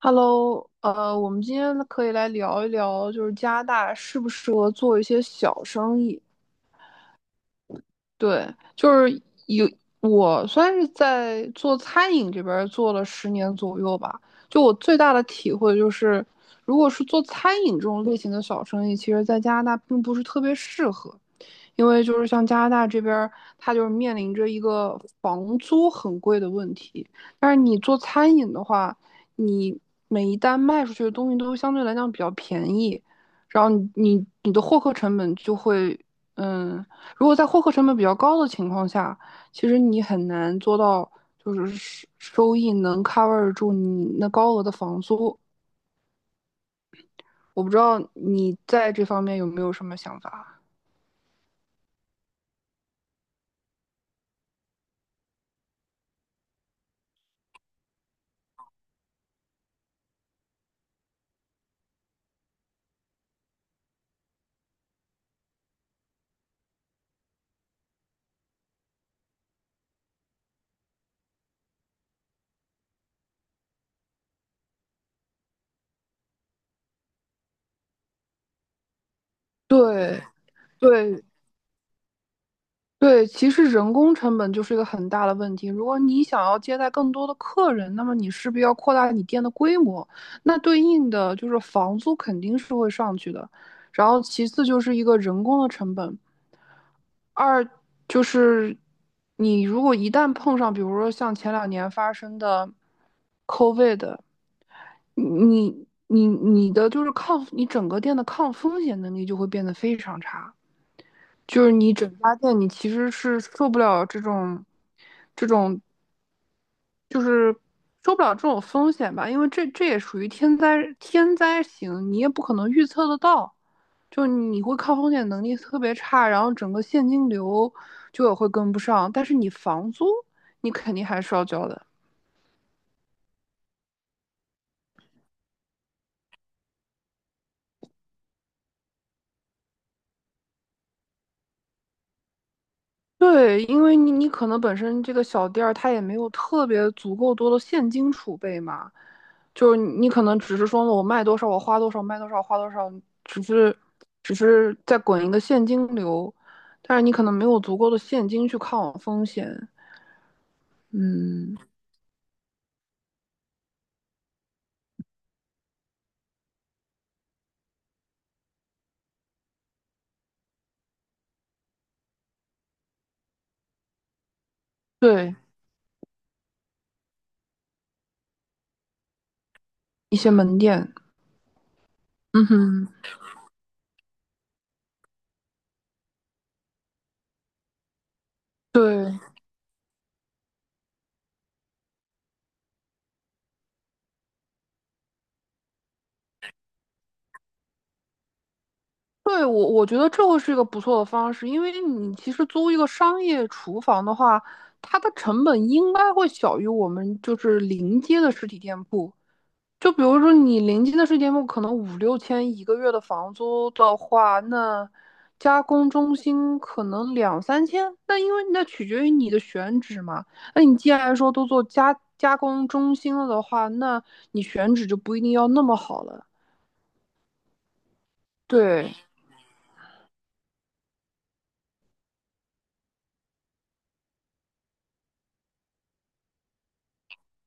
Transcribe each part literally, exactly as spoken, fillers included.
Hello，呃，我们今天可以来聊一聊，就是加拿大适不适合做一些小生意？对，就是，有我算是在做餐饮这边儿做了十年左右吧，就我最大的体会就是，如果是做餐饮这种类型的小生意，其实在加拿大并不是特别适合。因为就是像加拿大这边儿，它就是面临着一个房租很贵的问题。但是你做餐饮的话，你每一单卖出去的东西都相对来讲比较便宜，然后你你你的获客成本就会，嗯，如果在获客成本比较高的情况下，其实你很难做到就是收收益能 cover 住你那高额的房租。我不知道你在这方面有没有什么想法？对对，对，其实人工成本就是一个很大的问题。如果你想要接待更多的客人，那么你势必要扩大你店的规模，那对应的就是房租肯定是会上去的。然后其次就是一个人工的成本，二就是你如果一旦碰上，比如说像前两年发生的 COVID，你你你你的就是抗，你整个店的抗风险能力就会变得非常差。就是你整家店，你其实是受不了这种，这种受不了这种风险吧，因为这这也属于天灾天灾型，你也不可能预测得到，就你会抗风险能力特别差，然后整个现金流就也会跟不上，但是你房租你肯定还是要交的。对，因为你你可能本身这个小店儿它也没有特别足够多的现金储备嘛，就是你你可能只是说我卖多少我花多少卖多少花多少，只是只是在滚一个现金流，但是你可能没有足够的现金去抗风险。嗯，对，一些门店，嗯哼，对。对，我我觉得这会是一个不错的方式，因为你其实租一个商业厨房的话，它的成本应该会小于我们就是临街的实体店铺。就比如说你临街的实体店铺可能五六千一个月的房租的话，那加工中心可能两三千。那因为那取决于你的选址嘛。那你既然说都做加加工中心了的话，那你选址就不一定要那么好了。对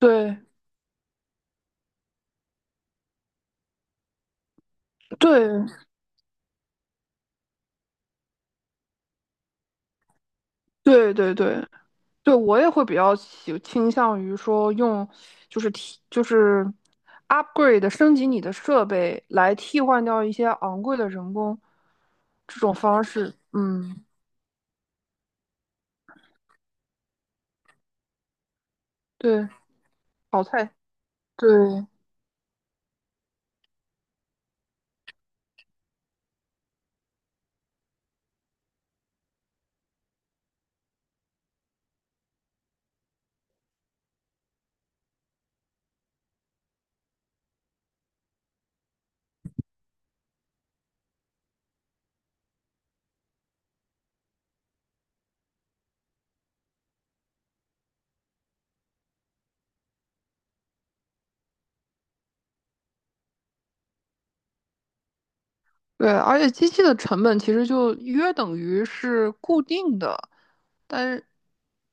对对对对对，对，我也会比较倾倾向于说用，就是替就是 upgrade 升级你的设备来替换掉一些昂贵的人工这种方式。嗯，对，淘汰，对对，而且机器的成本其实就约等于是固定的，但是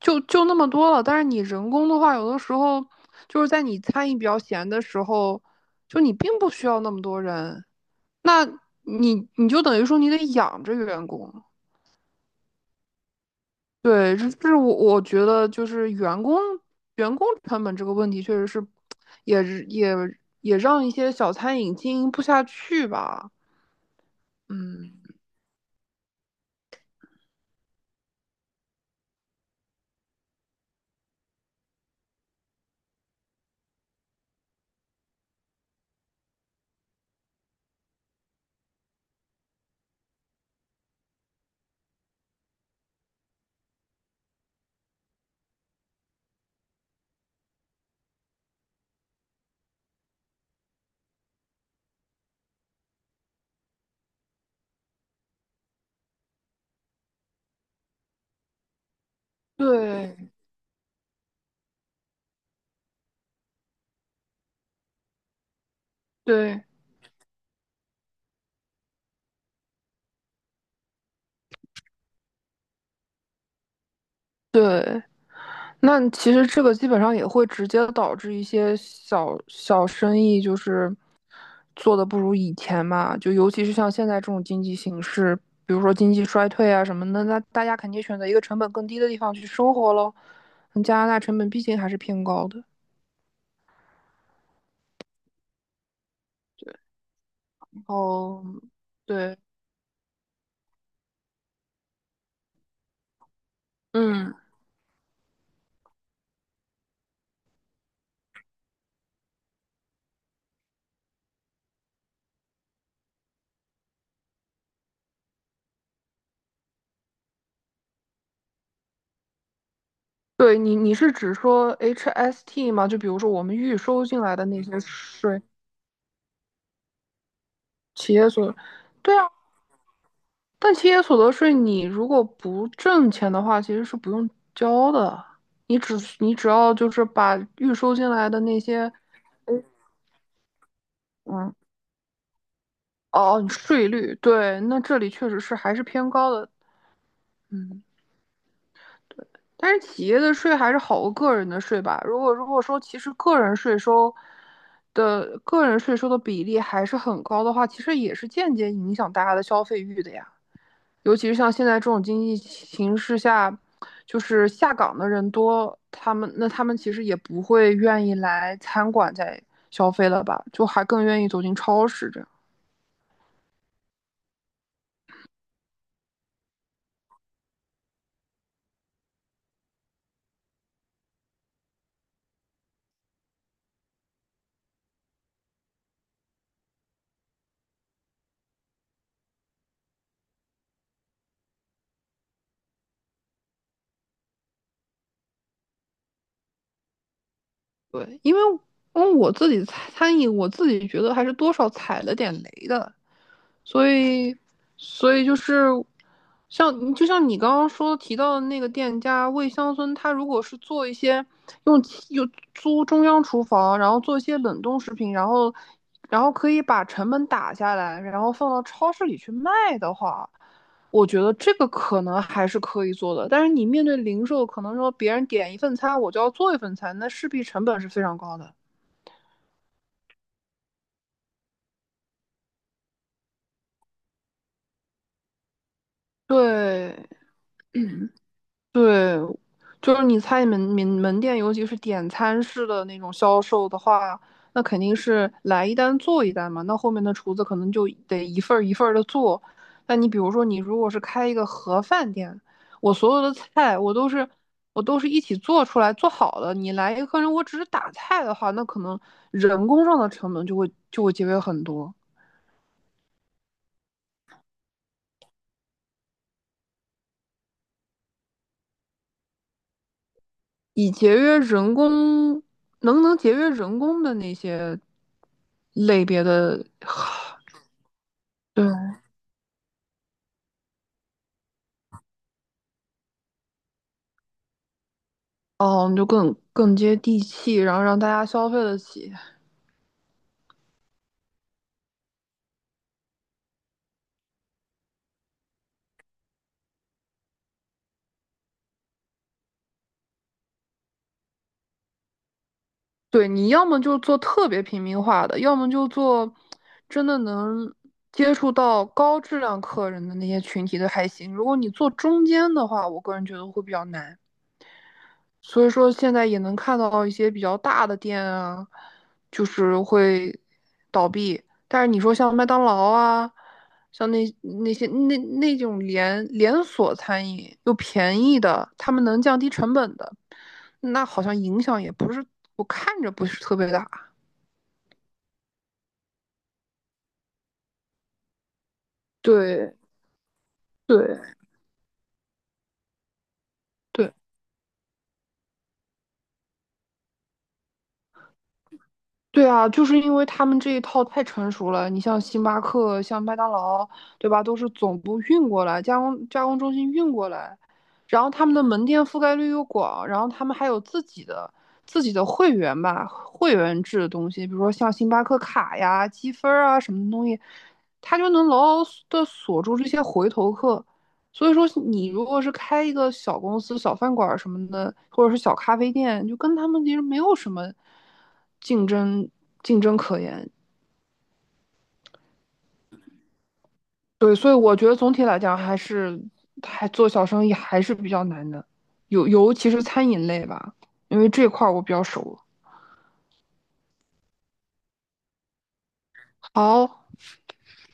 就就那么多了。但是你人工的话，有的时候就是在你餐饮比较闲的时候，就你并不需要那么多人。那你你就等于说你得养着员工，对，这这是我我觉得就是员工员工成本这个问题，确实是也是也也让一些小餐饮经营不下去吧，嗯，对对对。那其实这个基本上也会直接导致一些小小生意就是做的不如以前嘛，就尤其是像现在这种经济形势，比如说经济衰退啊什么的，那大家肯定选择一个成本更低的地方去生活喽。嗯加拿大成本毕竟还是偏高的。对，然后对，嗯，对你你是指说 H S T 吗？就比如说我们预收进来的那些税，企业所，对啊，但企业所得税你如果不挣钱的话，其实是不用交的。你只你只要就是把预收进来的那些，嗯，哦，税率，对，那这里确实是还是偏高的，嗯。但是企业的税还是好过个人的税吧？如果如果说其实个人税收的个人税收的比例还是很高的话，其实也是间接影响大家的消费欲的呀。尤其是像现在这种经济形势下，就是下岗的人多，他们那他们其实也不会愿意来餐馆再消费了吧，就还更愿意走进超市这样。对，因为因为我自己餐餐饮，我自己觉得还是多少踩了点雷的，所以，所以就是像就像你刚刚说提到的那个店家魏乡村，他如果是做一些用用租中央厨房，然后做一些冷冻食品，然后然后可以把成本打下来，然后放到超市里去卖的话，我觉得这个可能还是可以做的。但是你面对零售，可能说别人点一份餐，我就要做一份餐，那势必成本是非常高的。对，对，就是你猜门门门店，尤其是点餐式的那种销售的话，那肯定是来一单做一单嘛。那后面的厨子可能就得一份儿一份儿的做。那你比如说，你如果是开一个盒饭店，我所有的菜我都是我都是一起做出来做好的。你来一个客人，我只是打菜的话，那可能人工上的成本就会就会节约很多。以节约人工，能能节约人工的那些类别的，对。哦，你就更更接地气，然后让大家消费得起。对，你要么就做特别平民化的，要么就做真的能接触到高质量客人的那些群体的还行。如果你做中间的话，我个人觉得会比较难。所以说现在也能看到一些比较大的店啊，就是会倒闭。但是你说像麦当劳啊，像那那些那那种连连锁餐饮又便宜的，他们能降低成本的。那好像影响也不是，我看着不是特别大。对对对，对啊，就是因为他们这一套太成熟了。你像星巴克、像麦当劳，对吧？都是总部运过来，加工加工中心运过来，然后他们的门店覆盖率又广，然后他们还有自己的自己的会员吧，会员制的东西，比如说像星巴克卡呀、积分啊什么的东西，它就能牢牢的锁住这些回头客。所以说，你如果是开一个小公司、小饭馆什么的，或者是小咖啡店，就跟他们其实没有什么竞争竞争可言。对，所以我觉得总体来讲，还是还做小生意还是比较难的，尤尤其是餐饮类吧，因为这块儿我比较熟。好，